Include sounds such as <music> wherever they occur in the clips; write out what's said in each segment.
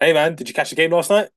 Hey man, did you catch the game last night?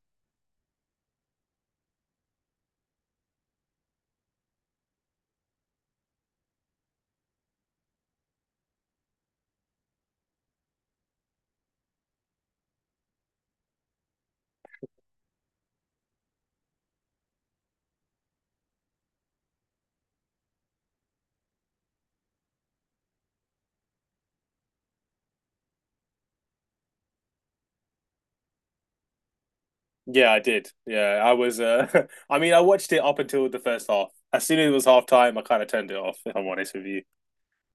Yeah, I did. Yeah, I was <laughs> I mean I watched it up until the first half. As soon as it was half time, I kind of turned it off, if I'm honest with you.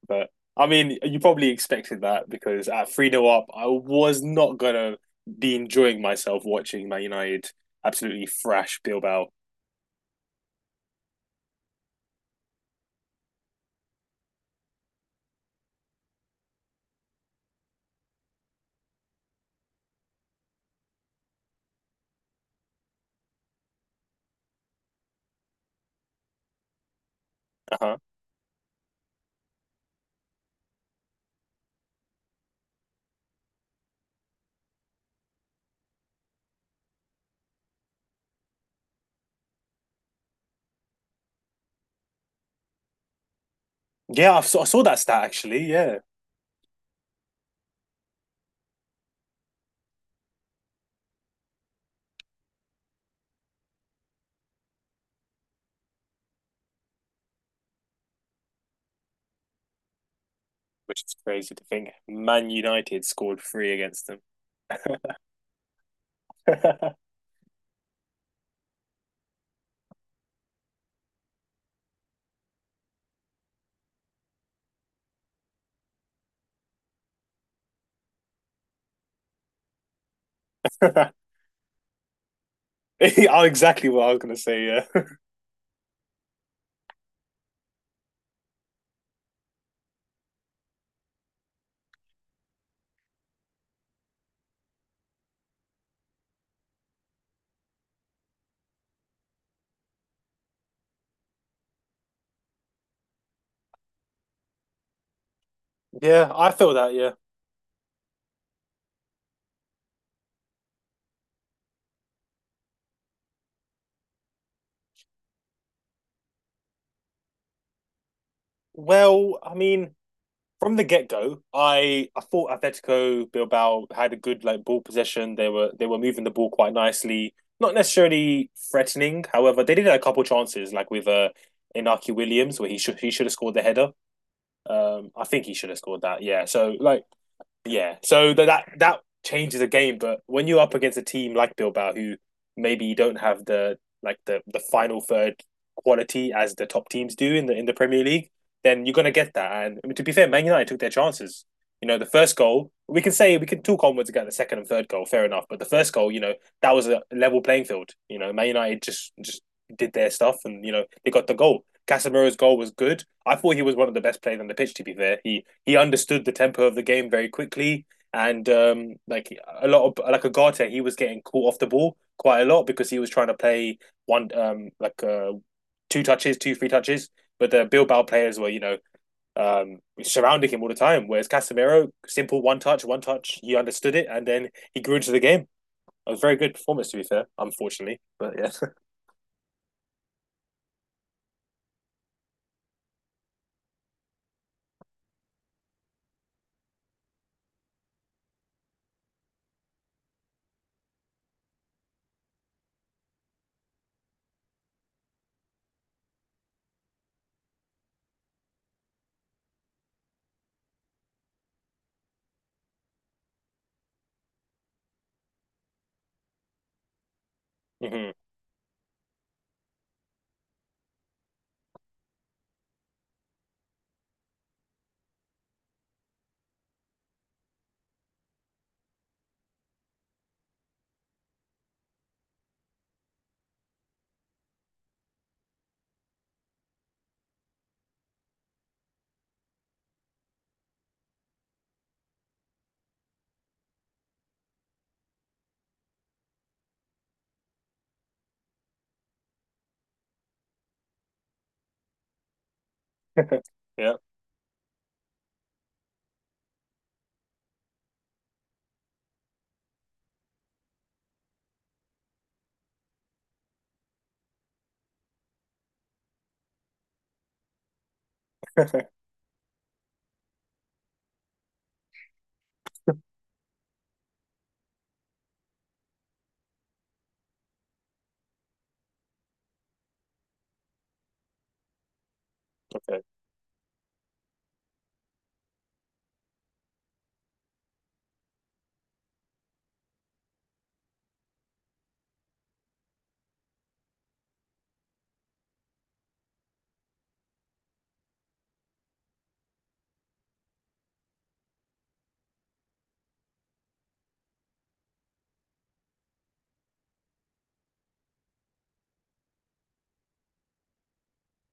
But I mean, you probably expected that because at 3-0 up, I was not gonna be enjoying myself watching Man United absolutely thrash Bilbao. Uh-huh. Yeah, I saw that stat actually, yeah. Which is crazy to think. Man United scored three against them. <laughs> <laughs> Exactly what I was gonna say, yeah. <laughs> Yeah, I feel that, yeah. Well, I mean, from the get-go, I thought Atletico Bilbao had a good like ball possession. They were moving the ball quite nicely, not necessarily threatening. However, they did have a couple chances, like with Inaki Williams, where he should have scored the header. I think he should have scored that. Yeah. So like, yeah, so that changes the game. But when you're up against a team like Bilbao, who maybe don't have the like the final third quality as the top teams do in the Premier League, then you're gonna get that. And I mean, to be fair, Man United took their chances. You know, the first goal we can talk onwards about the second and third goal, fair enough. But the first goal, you know, that was a level playing field. You know, Man United just did their stuff, and you know they got the goal. Casemiro's goal was good. I thought he was one of the best players on the pitch. To be fair, he understood the tempo of the game very quickly. And like a lot of like Agate, he was getting caught off the ball quite a lot because he was trying to play one like two touches, two three touches. But the Bilbao players were um surrounding him all the time. Whereas Casemiro, simple one touch, one touch. He understood it, and then he grew into the game. It was a very good performance, to be fair. Unfortunately, but yeah. <laughs> Mhm. <laughs> Yeah. <laughs> Okay.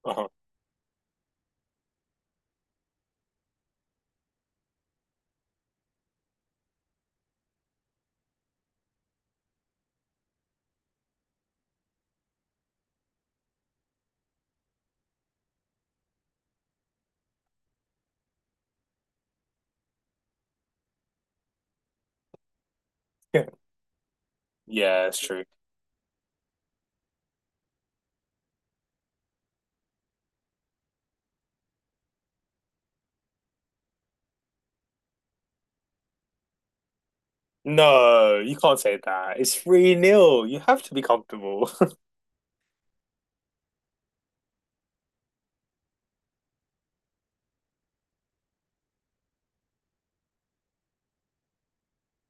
Uh-huh. Yeah, yeah, it's true. No, you can't say that. It's 3 nil. You have to be comfortable.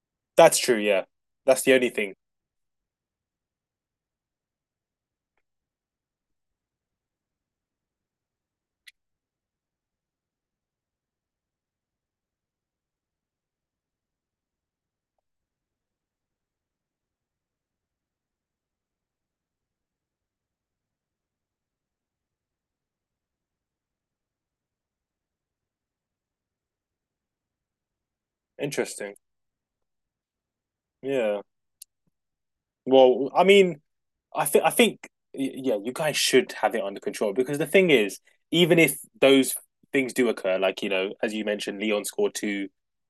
<laughs> That's true, yeah. That's the only thing. Interesting. Yeah. Well, I mean, I think yeah, you guys should have it under control because the thing is, even if those things do occur, like you know, as you mentioned, Leon scored two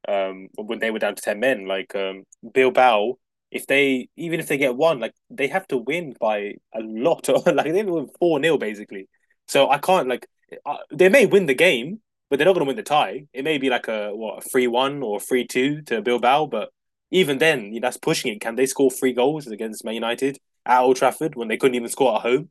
when they were down to ten men, like Bilbao, if they even if they get one, like they have to win by a lot of, <laughs> like they win four nil basically. So I can't like I, they may win the game, but they're not going to win the tie. It may be like a what a 3-1 or 3-2 to Bilbao, but even then, you know, that's pushing it. Can they score three goals against Man United at Old Trafford when they couldn't even score at home?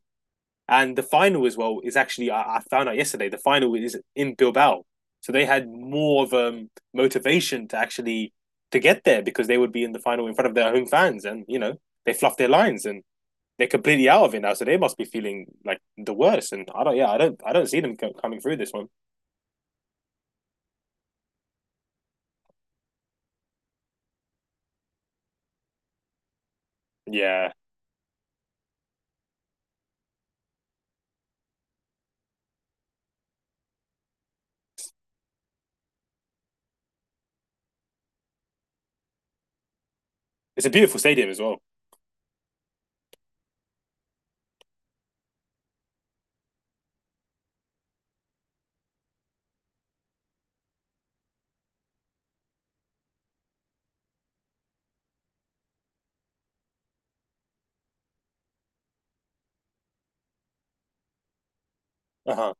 And the final as well is actually, I found out yesterday, the final is in Bilbao, so they had more of motivation to actually to get there because they would be in the final in front of their home fans, and you know they fluffed their lines and they're completely out of it now, so they must be feeling like the worst. And I don't, yeah, I don't see them coming through this one. Yeah, it's a beautiful stadium as well. Uh huh.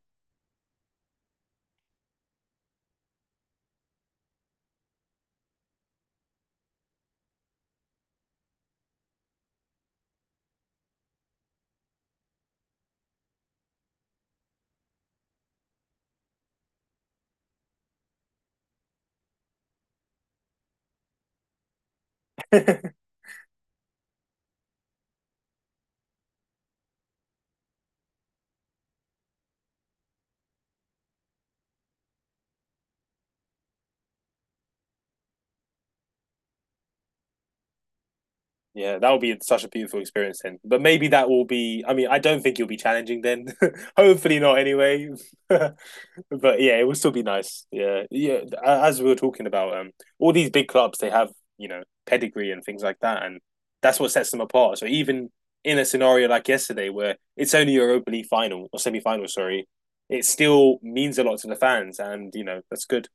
Yeah, that would be such a beautiful experience then. But maybe that will be. I mean, I don't think you'll be challenging then. <laughs> Hopefully not. Anyway, <laughs> but but yeah, it would still be nice. Yeah, yeah. As we were talking about, all these big clubs they have pedigree and things like that, and that's what sets them apart. So even in a scenario like yesterday, where it's only Europa League final, or semi final, sorry, it still means a lot to the fans, and you know that's good.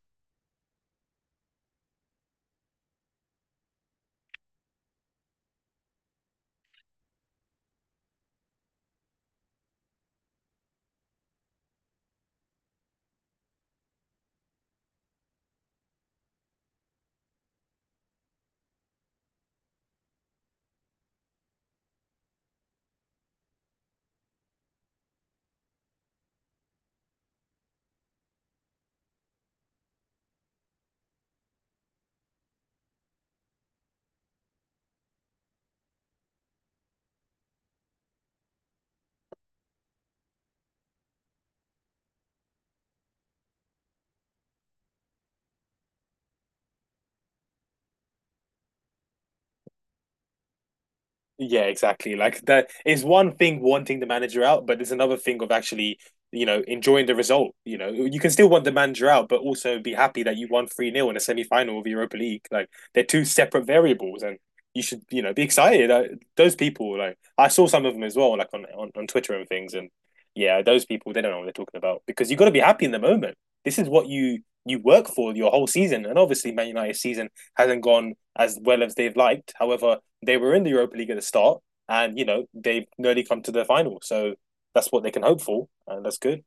Yeah, exactly. Like that is one thing wanting the manager out, but it's another thing of actually, enjoying the result. You know, you can still want the manager out, but also be happy that you won 3 nil in a semi-final of the Europa League. Like they're two separate variables, and you should, be excited. Those people, like I saw some of them as well, like on Twitter and things. And yeah, those people, they don't know what they're talking about because you've got to be happy in the moment. This is what you work for your whole season. And obviously Man United's season hasn't gone as well as they've liked. However, they were in the Europa League at the start, and you know they've nearly come to the final, so that's what they can hope for, and that's good.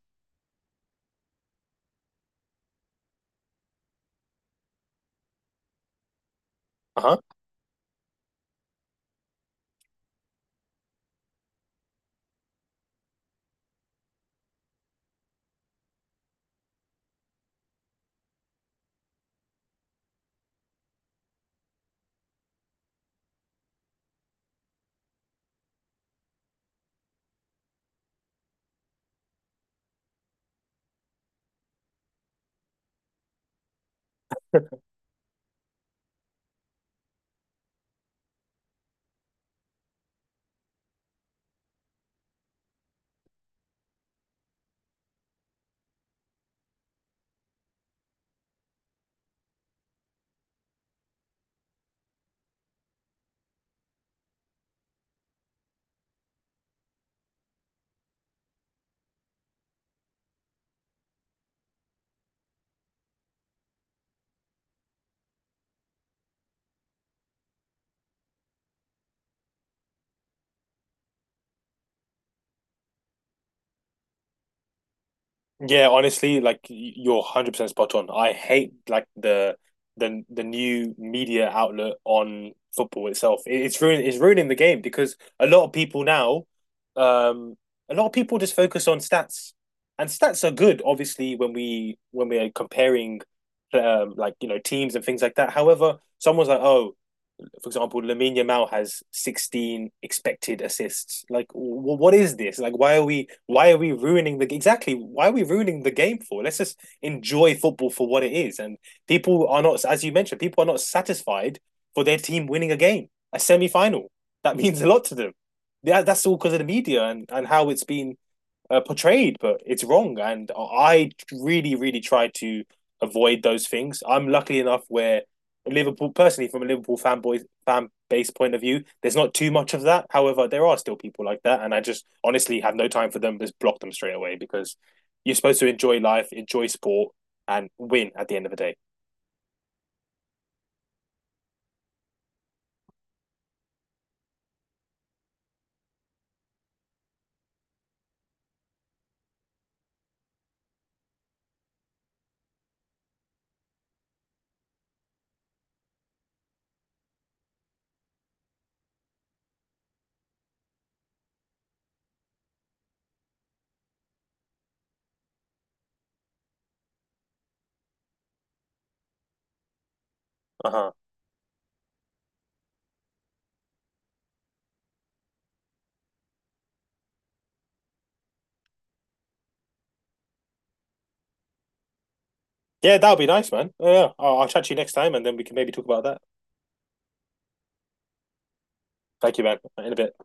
Uh huh. Yeah, honestly, like you're 100% spot on. I hate like the new media outlet on football itself. It's ruining the game because a lot of people now, um, a lot of people just focus on stats, and stats are good, obviously, when we are comparing, like teams and things like that. However, someone's like, oh, for example, Lamine Yamal has 16 expected assists. Like, what is this? Like, why are we ruining the exactly? Why are we ruining the game for? Let's just enjoy football for what it is. And people are not, as you mentioned, people are not satisfied for their team winning a game, a semi final. That means a lot to them. Yeah, that's all because of the media and how it's been, portrayed, but it's wrong. And I really, really try to avoid those things. I'm lucky enough where Liverpool, personally, from a Liverpool fanboy fan base point of view, there's not too much of that. However, there are still people like that, and I just honestly have no time for them. Just block them straight away because you're supposed to enjoy life, enjoy sport, and win at the end of the day. Uh huh. Yeah, that'll be nice, man. Yeah, I'll chat to you next time, and then we can maybe talk about that. Thank you, man. In a bit.